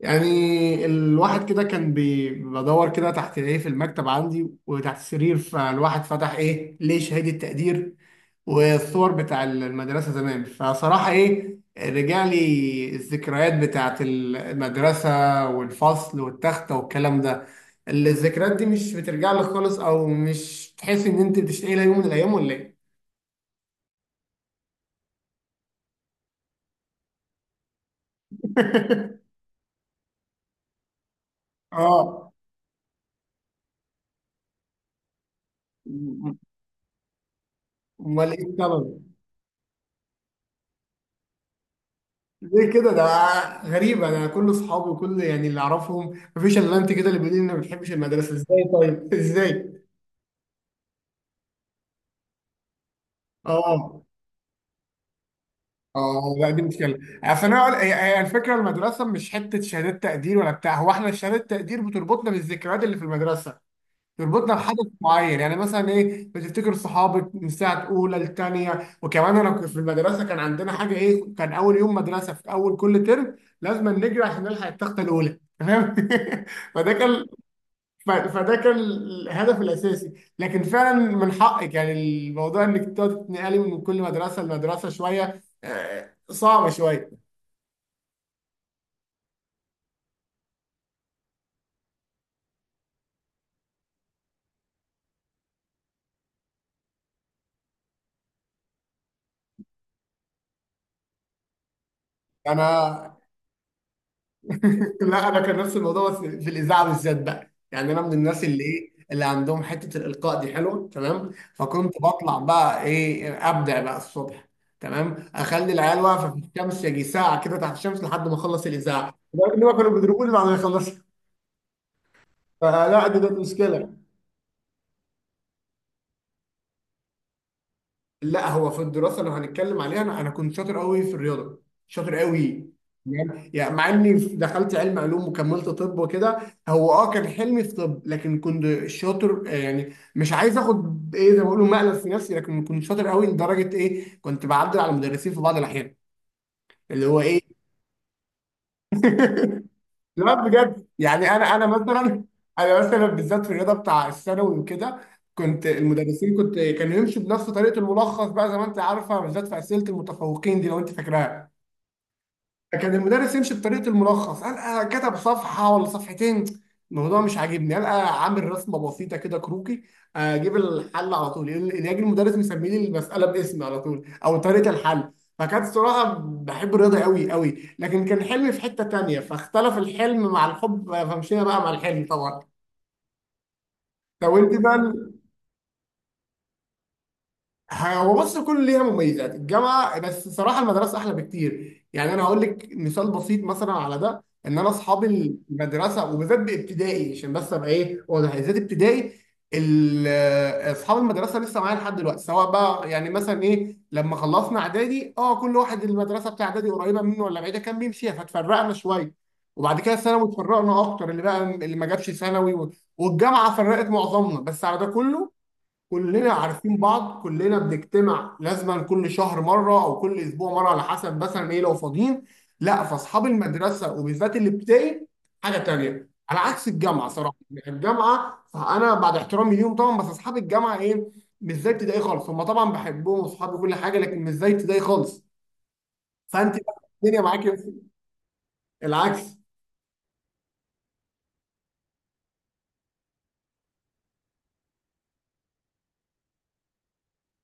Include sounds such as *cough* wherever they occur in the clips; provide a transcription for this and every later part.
يعني الواحد كده كان بدور كده تحت ايه في المكتب عندي وتحت السرير، فالواحد فتح ايه ليه شهادة تقدير والصور بتاع المدرسة زمان، فصراحة ايه رجع لي الذكريات بتاعت المدرسة والفصل والتختة والكلام ده. الذكريات دي مش بترجع لك خالص او مش تحس ان انت بتشتاق لها يوم من الايام ولا ايه؟ *laughs* اه، امال ايه السبب؟ ليه كده ده؟ غريبة، أنا كل أصحابي وكل يعني اللي أعرفهم مفيش إلا أنت كده اللي بيقول لي إنك ما بتحبش المدرسة. إزاي طيب؟ *laughs* إزاي؟ أه، أه، لا دي مشكلة. أصل أنا أقول- هي الفكرة، المدرسة مش حتة شهادات تقدير ولا بتاع. هو إحنا شهادات تقدير بتربطنا بالذكريات اللي في المدرسة، تربطنا بحدث معين. يعني مثلا إيه، بتفتكر صحابك من ساعة أولى لتانية. وكمان أنا كنت في المدرسة كان عندنا حاجة إيه، كان أول يوم مدرسة في أول كل ترم لازم نجري عشان نلحق التختة الأولى، تمام؟ *laughs* فده كان، فده كان الهدف الاساسي. لكن فعلا من حقك، يعني الموضوع انك تقعد تتنقلي من كل مدرسه لمدرسه شويه، صعب شويه. انا *laughs* لا انا كان نفس الموضوع، بس في الاذاعه بالذات بقى. يعني انا من الناس اللي ايه، اللي عندهم حته الالقاء دي حلوه، تمام؟ فكنت بطلع بقى ايه، ابدع بقى الصبح، تمام، اخلي العيال واقفه في الشمس يجي ساعه كده تحت الشمس لحد ما اخلص الاذاعه، لدرجة ان هم كانوا بيضربوني بعد ما يخلصوا. فلا دي كانت مشكله. لا هو في الدراسه لو هنتكلم عليها، انا كنت شاطر قوي في الرياضه، شاطر قوي. يعني مع اني دخلت علم علوم وكملت طب وكده. هو اه كان حلمي في طب، لكن كنت شاطر، يعني مش عايز اخد ايه زي ما بيقولوا مقلب في نفسي، لكن كنت شاطر قوي لدرجه ايه كنت بعدل على المدرسين في بعض الاحيان. اللي هو ايه. *laughs* لا بجد يعني انا مثلا، انا بالذات في الرياضه بتاع الثانوي وكده، كنت المدرسين كانوا يمشوا بنفس طريقه الملخص بقى، زي ما انت عارفه، بالذات في اسئله المتفوقين دي لو انت فاكراها. كان المدرس يمشي بطريقه الملخص، قال كتب صفحه ولا صفحتين، الموضوع مش عاجبني، قال عامل رسمه بسيطه كده كروكي، اجيب الحل على طول. يجي المدرس مسمي لي المساله باسمي على طول او طريقه الحل. فكانت الصراحه بحب الرياضه قوي قوي، لكن كان حلمي في حته تانيه، فاختلف الحلم مع الحب، فمشينا بقى مع الحلم طبعا. طب انت بقى. هو بص، كل ليها مميزات، الجامعه. بس صراحه المدرسه احلى بكتير. يعني انا هقول لك مثال بسيط مثلا على ده، ان انا اصحابي المدرسه وبالذات بابتدائي، عشان بس ابقى ايه واضح، بالذات ابتدائي، اصحاب المدرسه لسه معايا لحد دلوقتي. سواء بقى يعني مثلا ايه لما خلصنا اعدادي، اه كل واحد المدرسه بتاع اعدادي قريبه منه ولا بعيده كان بيمشيها، فتفرقنا شويه، وبعد كده ثانوي اتفرقنا اكتر اللي بقى اللي ما جابش ثانوي، والجامعه فرقت معظمنا. بس على ده كله كلنا عارفين بعض، كلنا بنجتمع لازما كل شهر مره او كل اسبوع مره على حسب مثلا ايه لو فاضيين. لا فاصحاب المدرسه وبالذات الابتدائي حاجه تانيه، على عكس الجامعه صراحه. يعني الجامعه، فانا بعد احترامي ليهم طبعا، بس اصحاب الجامعه ايه، مش زي ابتدائي خالص. هم طبعا بحبهم واصحابي كل حاجه، لكن مش زي ابتدائي خالص. فانت بقى الدنيا معاكي العكس.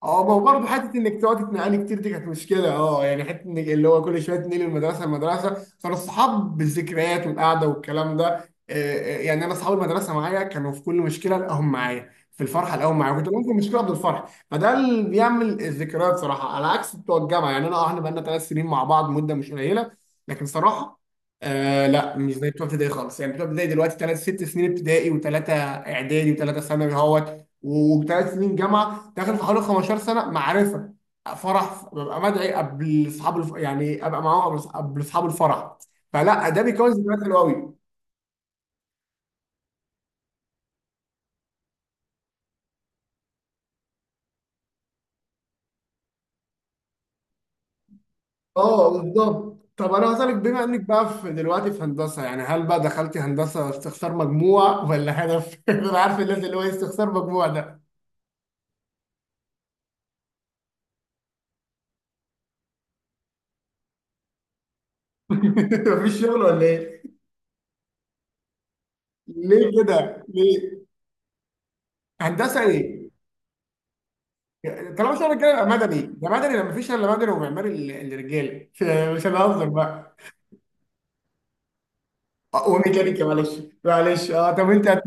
اه ما هو برضه حته انك تقعدي تنقلي كتير دي كانت مشكله، اه يعني حته انك اللي هو كل شويه تنقلي المدرسه فالصحاب بالذكريات والقعده والكلام ده، يعني انا اصحاب المدرسه معايا كانوا في كل مشكله، الاقيهم معايا في الفرحه، الاقيهم معايا، كنت ممكن مشكله قبل الفرح، فده اللي بيعمل الذكريات صراحه، على عكس بتوع الجامعه. يعني انا اه احنا بقالنا ثلاث سنين مع بعض، مده مش قليله، لكن صراحه آه لا مش زي بتوع ابتدائي خالص. يعني بتوع ابتدائي دلوقتي ثلاث، ست سنين ابتدائي وثلاثه اعدادي وثلاثه ثانوي اهوت، وثلاث سنين جامعه، داخل في حوالي 15 سنه معرفه. فرح ببقى مدعي قبل اصحاب يعني ابقى معاهم قبل قبل اصحاب الفرح. فلا ده بيكون ذكريات حلوه قوي. اه بالظبط. طب انا هسألك، بما انك بقى في دلوقتي في هندسه، يعني هل بقى دخلتي هندسه استخسار مجموع ولا هدف؟ *laughs* انا عارف الناس اللي هو إيه استخسار مجموع ده. *laughs* مفيش شغل ولا ايه؟ ليه كده؟ ليه؟ هندسه ايه؟ طالما شغلك كده يبقى مدني، ده مدني لما مفيش الا مدني ومعماري، الرجاله *laughs* مش هنهزر بقى. وميكانيكا معلش. معلش اه. طب انت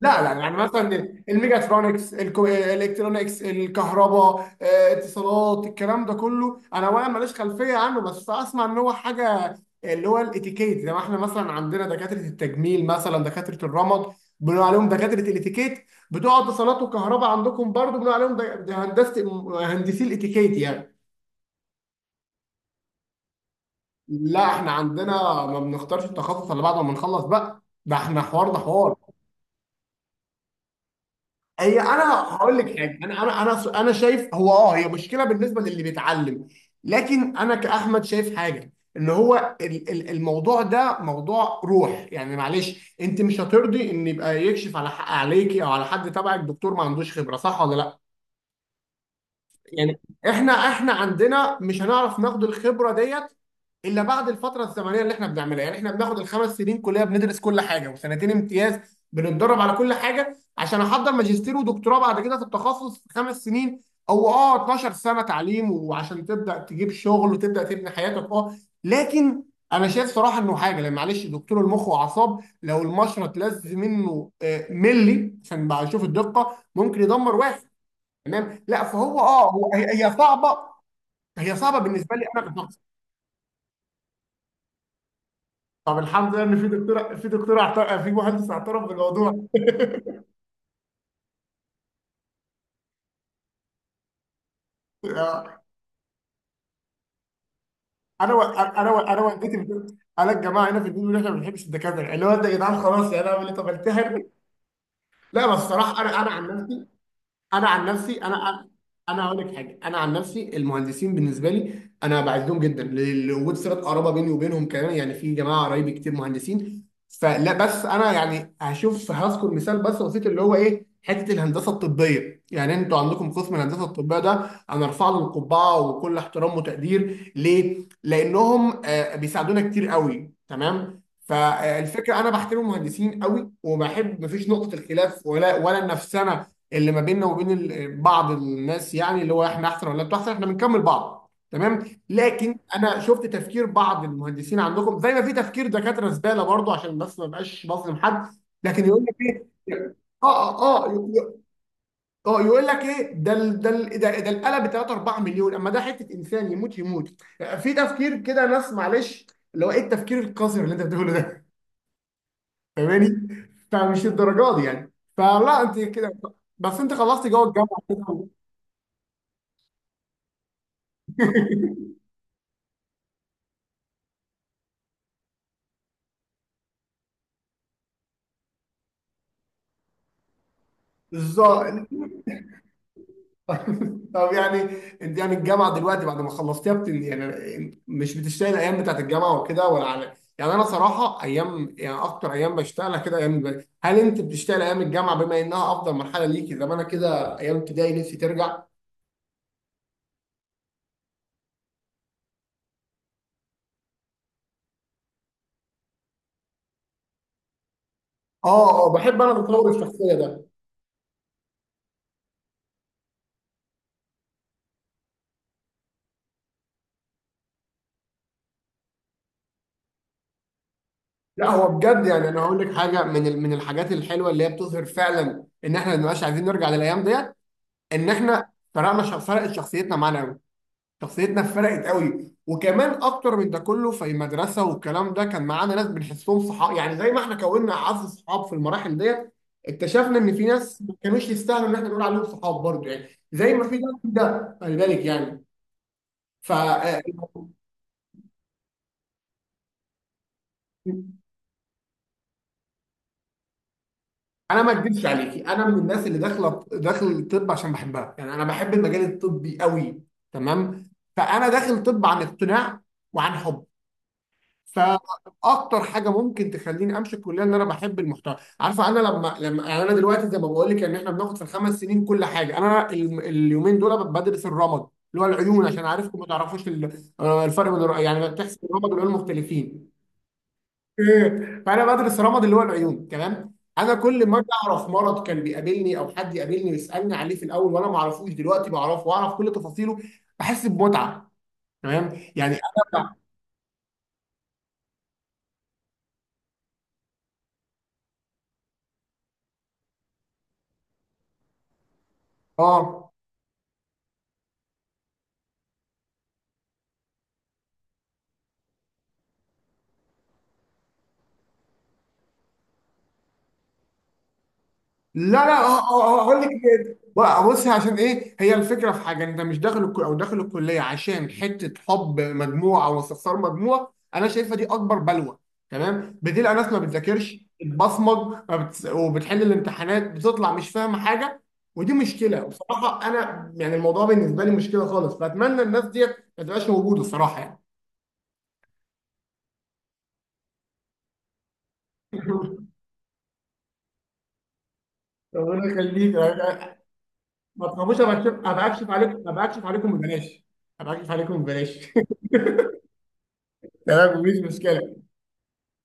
لا لا، يعني مثلا الميجاترونكس، الالكترونكس، الكهرباء، اتصالات، الكلام ده كله انا اولا ماليش خلفيه عنه، بس اسمع ان هو حاجه اللي هو الاتيكيت. زي ما احنا مثلا عندنا دكاتره التجميل، مثلا دكاتره الرمد، بنقول عليهم دكاتره الاتيكيت، بتوع اتصالات وكهرباء عندكم برضو بنقول عليهم هندسه، هندسي الاتيكيت يعني. لا احنا عندنا ما بنختارش التخصص الا بعد ما بنخلص بقى، ده احنا حوار، ده حوار. هي انا هقول لك حاجه، انا انا شايف هو اه هي مشكله بالنسبه للي بيتعلم، لكن انا كاحمد شايف حاجه، ان هو الموضوع ده موضوع روح. يعني معلش انت مش هترضي ان يبقى يكشف على حق عليكي او على حد تبعك دكتور ما عندوش خبره، صح ولا لا؟ يعني احنا عندنا مش هنعرف ناخد الخبره ديت الا بعد الفتره الزمنيه اللي احنا بنعملها. يعني احنا بناخد الخمس سنين كليه بندرس كل حاجه، وسنتين امتياز بنتدرب على كل حاجه، عشان احضر ماجستير ودكتوراه بعد كده في التخصص في خمس سنين، او اه 12 سنه تعليم، وعشان تبدا تجيب شغل وتبدا تبني حياتك اه. لكن انا شايف صراحه انه حاجه، لان معلش دكتور المخ واعصاب لو المشرط لز منه ملي عشان بقى اشوف الدقه، ممكن يدمر واحد، تمام؟ لا فهو اه هو هي صعبه، هي صعبه بالنسبه لي انا كشخص. طب الحمد لله ان في دكتور، في دكتور اعترف، في مهندس اعترف بالموضوع. *laughs* آه، انا والدتي بتقول انا الجماعه هنا في الدين ان احنا ما بنحبش الدكاتره، اللي هو انت يا جدعان خلاص، يعني انا اعمل ايه طب التهر. لا بس الصراحه انا، انا عن نفسي انا عن نفسي انا هقول لك حاجه، انا عن نفسي المهندسين بالنسبه لي انا بعزهم جدا، لوجود صله قرابه بيني وبينهم كمان. يعني في جماعه قرايبي كتير مهندسين، فلا بس انا يعني هشوف هذكر مثال بس بسيط اللي هو ايه حته الهندسه الطبيه، يعني انتوا عندكم قسم الهندسه الطبيه ده انا ارفع له القبعه وكل احترام وتقدير. ليه؟ لانهم بيساعدونا كتير قوي، تمام؟ فالفكره انا بحترم المهندسين قوي وبحب، مفيش نقطه الخلاف ولا النفسنه اللي ما بيننا وبين بعض الناس، يعني اللي هو احنا احسن ولا انتوا احسن، احنا بنكمل بعض تمام. لكن انا شفت تفكير بعض المهندسين عندكم زي ما في تفكير دكاتره زباله برضه، عشان بس ما بقاش بظلم حد، لكن يقول لك ايه. اه اه اه اه يقول لك ايه، ده ده ده ده القلم ب 3 4 مليون، اما ده حته انسان يموت يموت، في تفكير كده ناس معلش اللي هو ايه التفكير القذر اللي انت بتقوله ده. فاهماني؟ فمش الدرجات دي يعني. فلا انت كده، بس انت خلصت جوه الجامعه كده. بالظبط. *laughs* طب يعني، انت يعني الجامعه دلوقتي بعد ما خلصتيها يعني مش بتشتغل الايام بتاعت الجامعه وكده ولا على، يعني انا صراحه ايام يعني اكتر ايام بشتغلها كده ايام هل انت بتشتغل ايام الجامعه بما انها افضل مرحله ليكي، زي ما انا كده ايام ابتدائي نفسي ترجع. اه اه بحب انا تطور الشخصيه ده. لا هو بجد يعني انا هقول لك حاجه، من من الحاجات الحلوه اللي هي بتظهر فعلا ان احنا ما بنبقاش عايزين نرجع للايام ديت، ان احنا فرقنا فرقت شخصيتنا معانا. شخصيتنا فرقت قوي. وكمان اكتر من ده كله في المدرسه والكلام ده كان معانا ناس بنحسهم صحاب، يعني زي ما احنا كوننا اعز صحاب في المراحل ديت، اكتشفنا ان في ناس ما كانوش يستاهلوا ان احنا نقول عليهم صحاب برضه، يعني زي ما في ده في ده خلي بالك يعني. ف انا ما اكذبش عليكي، انا من الناس اللي داخله داخل الطب عشان بحبها، يعني انا بحب المجال الطبي قوي، تمام؟ فانا داخل طب عن اقتناع وعن حب. فاكتر حاجه ممكن تخليني امشي الكليه ان انا بحب المحتوى، عارفه انا لما يعني انا دلوقتي زي ما بقول لك ان احنا بناخد في الخمس سنين كل حاجه، انا اليومين دول بدرس الرمد، اللي هو العيون عشان عارفكم ما تعرفوش الفرق بين يعني بتحسب الرمد والعيون مختلفين. *laughs* إيه. فانا بدرس الرمد اللي هو العيون، تمام؟ انا كل ما اعرف مرض كان بيقابلني او حد يقابلني ويسالني عليه في الاول وانا ما اعرفوش، دلوقتي بعرفه واعرف كل تفاصيله، بحس بمتعه، تمام يعني. انا اه لا لا هقول لك ليه. بقى بص، عشان ايه هي الفكره، في حاجه انت مش داخل الكل او داخل الكليه عشان حته حب مجموعه او استخسار مجموعه، انا شايفها دي اكبر بلوه، تمام؟ بتلاقي ناس ما بتذاكرش بتبصمج، ما بتس- وبتحل الامتحانات بتطلع مش فاهمه حاجه، ودي مشكله. بصراحه انا يعني الموضوع بالنسبه لي مشكله خالص، فاتمنى الناس ديت ما تبقاش موجوده الصراحه يعني. *laughs* ربنا يخليك. ما تخافوش، ابقى أكشف- أبقى اكشف عليكم، ابقى اكشف عليكم ببلاش. تمام مفيش مشكله.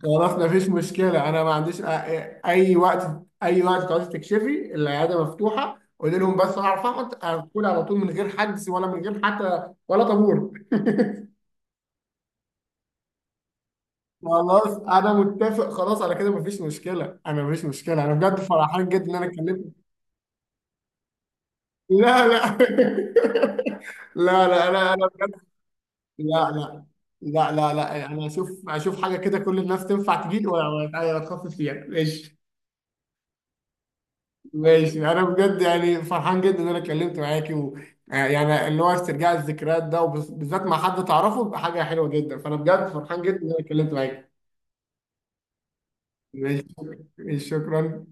خلاص مفيش مشكله انا، ما عنديش اي وقت، اي وقت، تعوزي تكشفي العياده مفتوحه، قولي لهم بس هعرف اقعد هدخل على طول من غير حجز ولا من غير حتى ولا طابور. خلاص انا متفق، خلاص على كده مفيش مشكله. انا مفيش مشكله انا بجد فرحان جدا ان انا اتكلمت. لا لا *laughs* لا لا انا بجد، لا لا لا لا انا اشوف حاجه كده كل الناس تنفع تجيلي، ولا اتخصص فيها، ماشي. ماشي انا بجد يعني فرحان جدا ان انا اتكلمت معاكي، و... يعني اللي هو استرجاع الذكريات ده، وبالذات مع حد تعرفه، بيبقى حاجه حلوه جدا، فانا بجد فرحان جدا ان انا اتكلمت معاكي. ماشي. ماشي، شكرا.